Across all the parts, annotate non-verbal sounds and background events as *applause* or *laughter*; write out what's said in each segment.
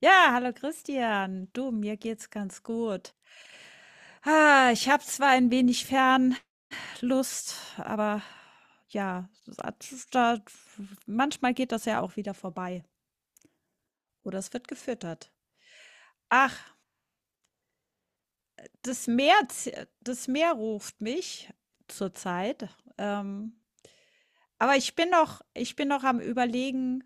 Ja, hallo Christian. Du, mir geht's ganz gut. Ah, ich habe zwar ein wenig Fernlust, aber ja, manchmal geht das ja auch wieder vorbei. Oder es wird gefüttert. Ach, das Meer ruft mich zurzeit. Ähm, aber ich bin noch am Überlegen,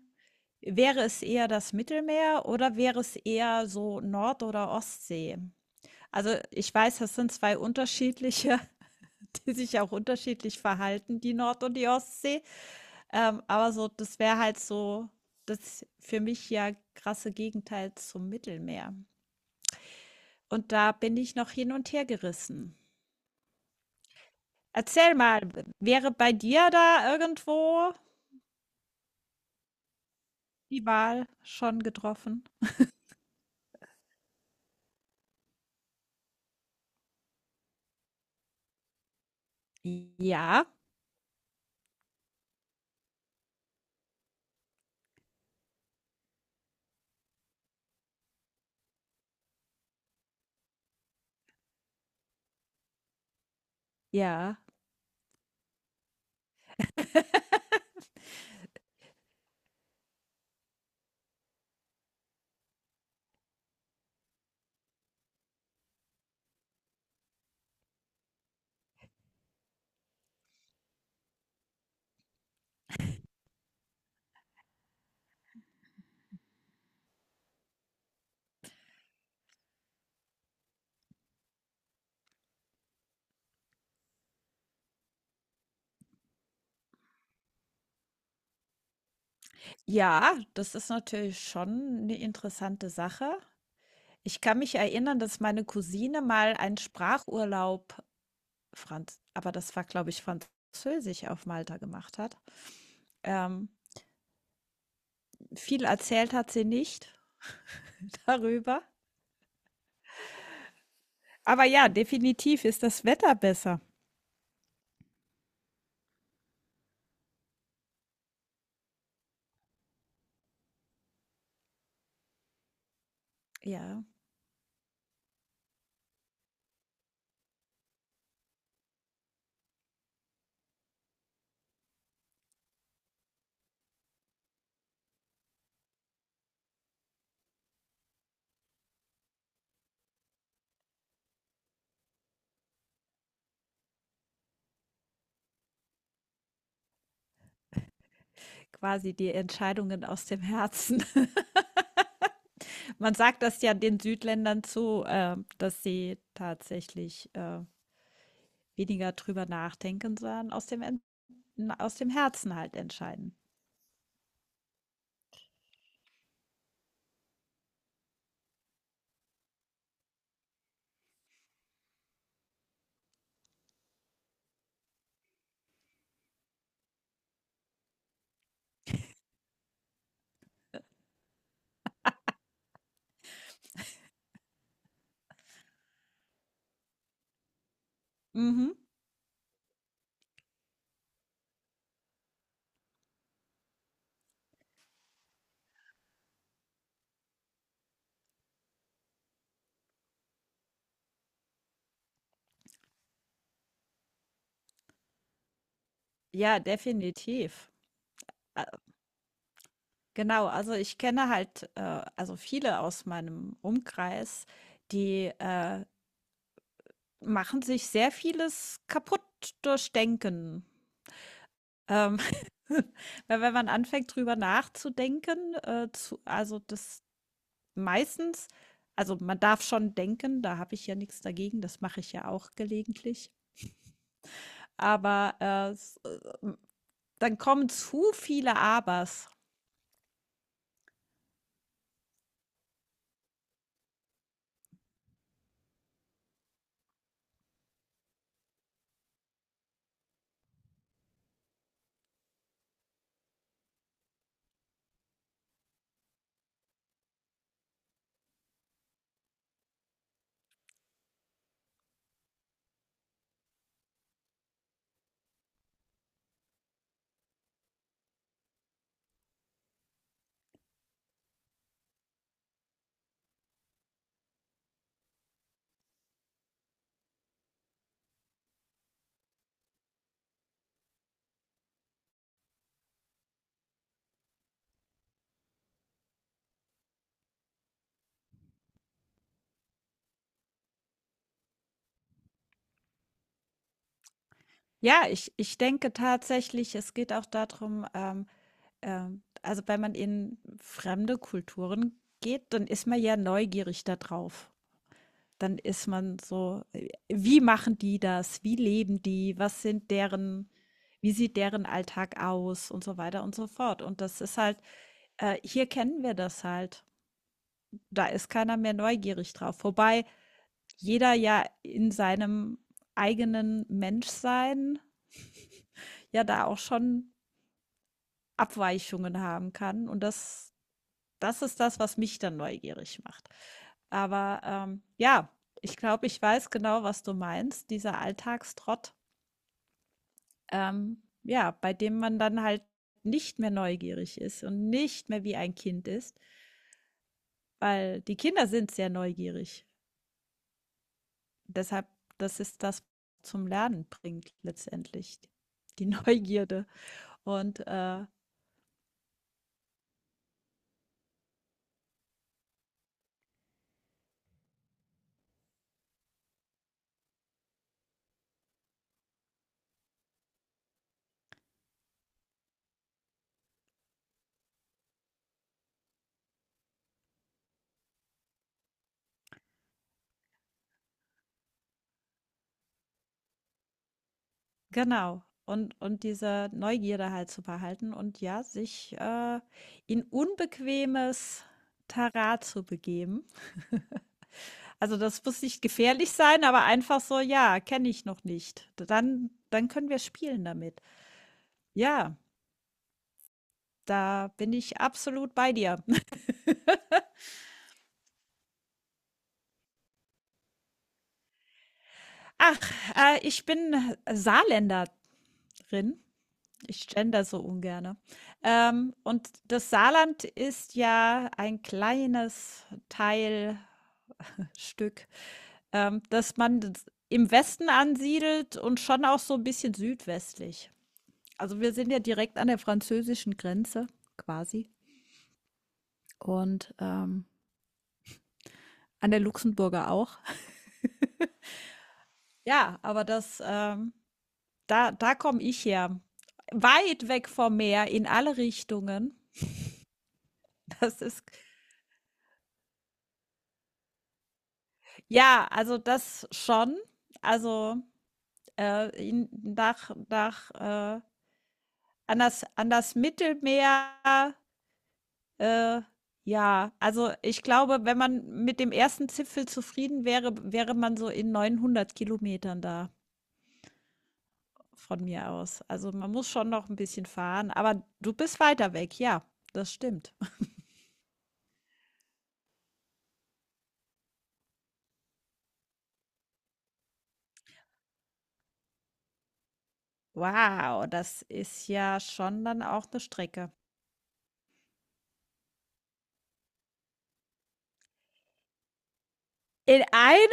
wäre es eher das Mittelmeer oder wäre es eher so Nord- oder Ostsee? Also, ich weiß, das sind 2 unterschiedliche, *laughs* die sich auch unterschiedlich verhalten, die Nord und die Ostsee. Aber so, das wäre halt so das für mich ja krasse Gegenteil zum Mittelmeer. Und da bin ich noch hin und her gerissen. Erzähl mal, wäre bei dir da irgendwo die Wahl schon getroffen? Ja, ja. *laughs* Ja, das ist natürlich schon eine interessante Sache. Ich kann mich erinnern, dass meine Cousine mal einen Sprachurlaub Franz aber das war, glaube ich, Französisch auf Malta gemacht hat. Ähm, viel erzählt hat sie nicht *laughs* darüber. Aber ja, definitiv ist das Wetter besser. Ja, quasi die Entscheidungen aus dem Herzen. *laughs* Man sagt das ja den Südländern zu, dass sie tatsächlich, weniger drüber nachdenken, sondern aus dem Herzen halt entscheiden. Mhm. Ja, definitiv. Äh, genau, also ich kenne halt, also viele aus meinem Umkreis, die machen sich sehr vieles kaputt durch Denken. Ähm, *laughs* weil wenn man anfängt, drüber nachzudenken, zu, also das meistens, also man darf schon denken, da habe ich ja nichts dagegen, das mache ich ja auch gelegentlich, aber dann kommen zu viele Abers. Ja, ich denke tatsächlich, es geht auch darum. Also, wenn man in fremde Kulturen geht, dann ist man ja neugierig da drauf. Dann ist man so: Wie machen die das? Wie leben die? Was sind deren Wie sieht deren Alltag aus?" und so weiter und so fort. Und das ist halt hier kennen wir das halt. Da ist keiner mehr neugierig drauf. Wobei jeder ja in seinem eigenen Menschsein ja da auch schon Abweichungen haben kann. Und das ist das, was mich dann neugierig macht. Aber, ja, ich glaube, ich weiß genau, was du meinst, dieser Alltagstrott, ja, bei dem man dann halt nicht mehr neugierig ist und nicht mehr wie ein Kind ist, weil die Kinder sind sehr neugierig. Deshalb das ist das, was zum Lernen bringt letztendlich, die Neugierde. Und, äh Genau. Und diese Neugierde halt zu behalten und ja, sich, in unbequemes Terrain zu begeben. *laughs* Also, das muss nicht gefährlich sein, aber einfach so: „Ja, kenne ich noch nicht." Dann können wir spielen damit. Ja, da bin ich absolut bei dir. *laughs* Ach, ich bin Saarländerin. Ich gender so ungerne. Und das Saarland ist ja ein kleines Teil Stück, dass man das im Westen ansiedelt und schon auch so ein bisschen südwestlich. Also, wir sind ja direkt an der französischen Grenze quasi und, an der Luxemburger auch. *laughs* Ja, aber das, da komme ich her. Weit weg vom Meer in alle Richtungen. *laughs* Das ist ja, also, das schon. Also, in nach nach, an das Mittelmeer. Äh, ja, also ich glaube, wenn man mit dem ersten Zipfel zufrieden wäre, wäre man so in 900 Kilometern da von mir aus. Also man muss schon noch ein bisschen fahren, aber du bist weiter weg, ja, das stimmt. Wow, das ist ja schon dann auch eine Strecke. In einem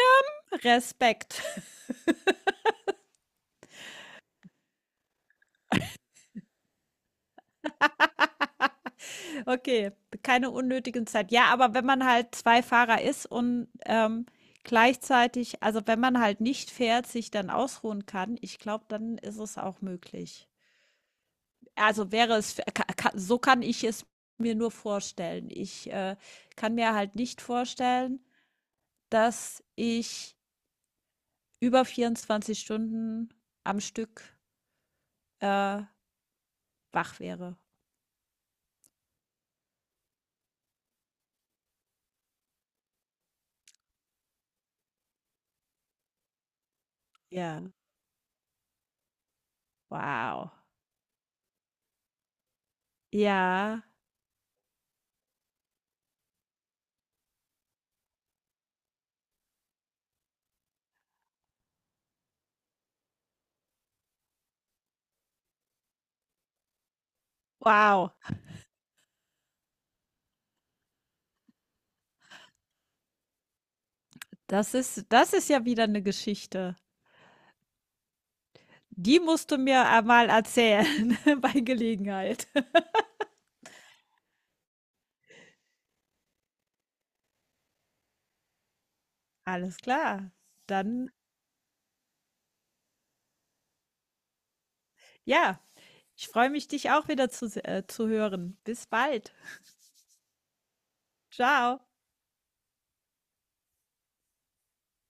Respekt. *laughs* Okay, keine unnötigen Zeit. Ja, aber wenn man halt 2 Fahrer ist und, gleichzeitig also, wenn man halt nicht fährt, sich dann ausruhen kann, ich glaube, dann ist es auch möglich. Also, wäre es ka ka so kann ich es mir nur vorstellen. Ich kann mir halt nicht vorstellen, dass ich über 24 Stunden am Stück, äh, wach wäre. Ja. Wow. Ja. Wow. Das ist ja wieder eine Geschichte. Die musst du mir einmal erzählen *laughs* bei Gelegenheit. Alles klar. Dann ja, ich freue mich, dich auch wieder zu hören. Bis bald. Ciao.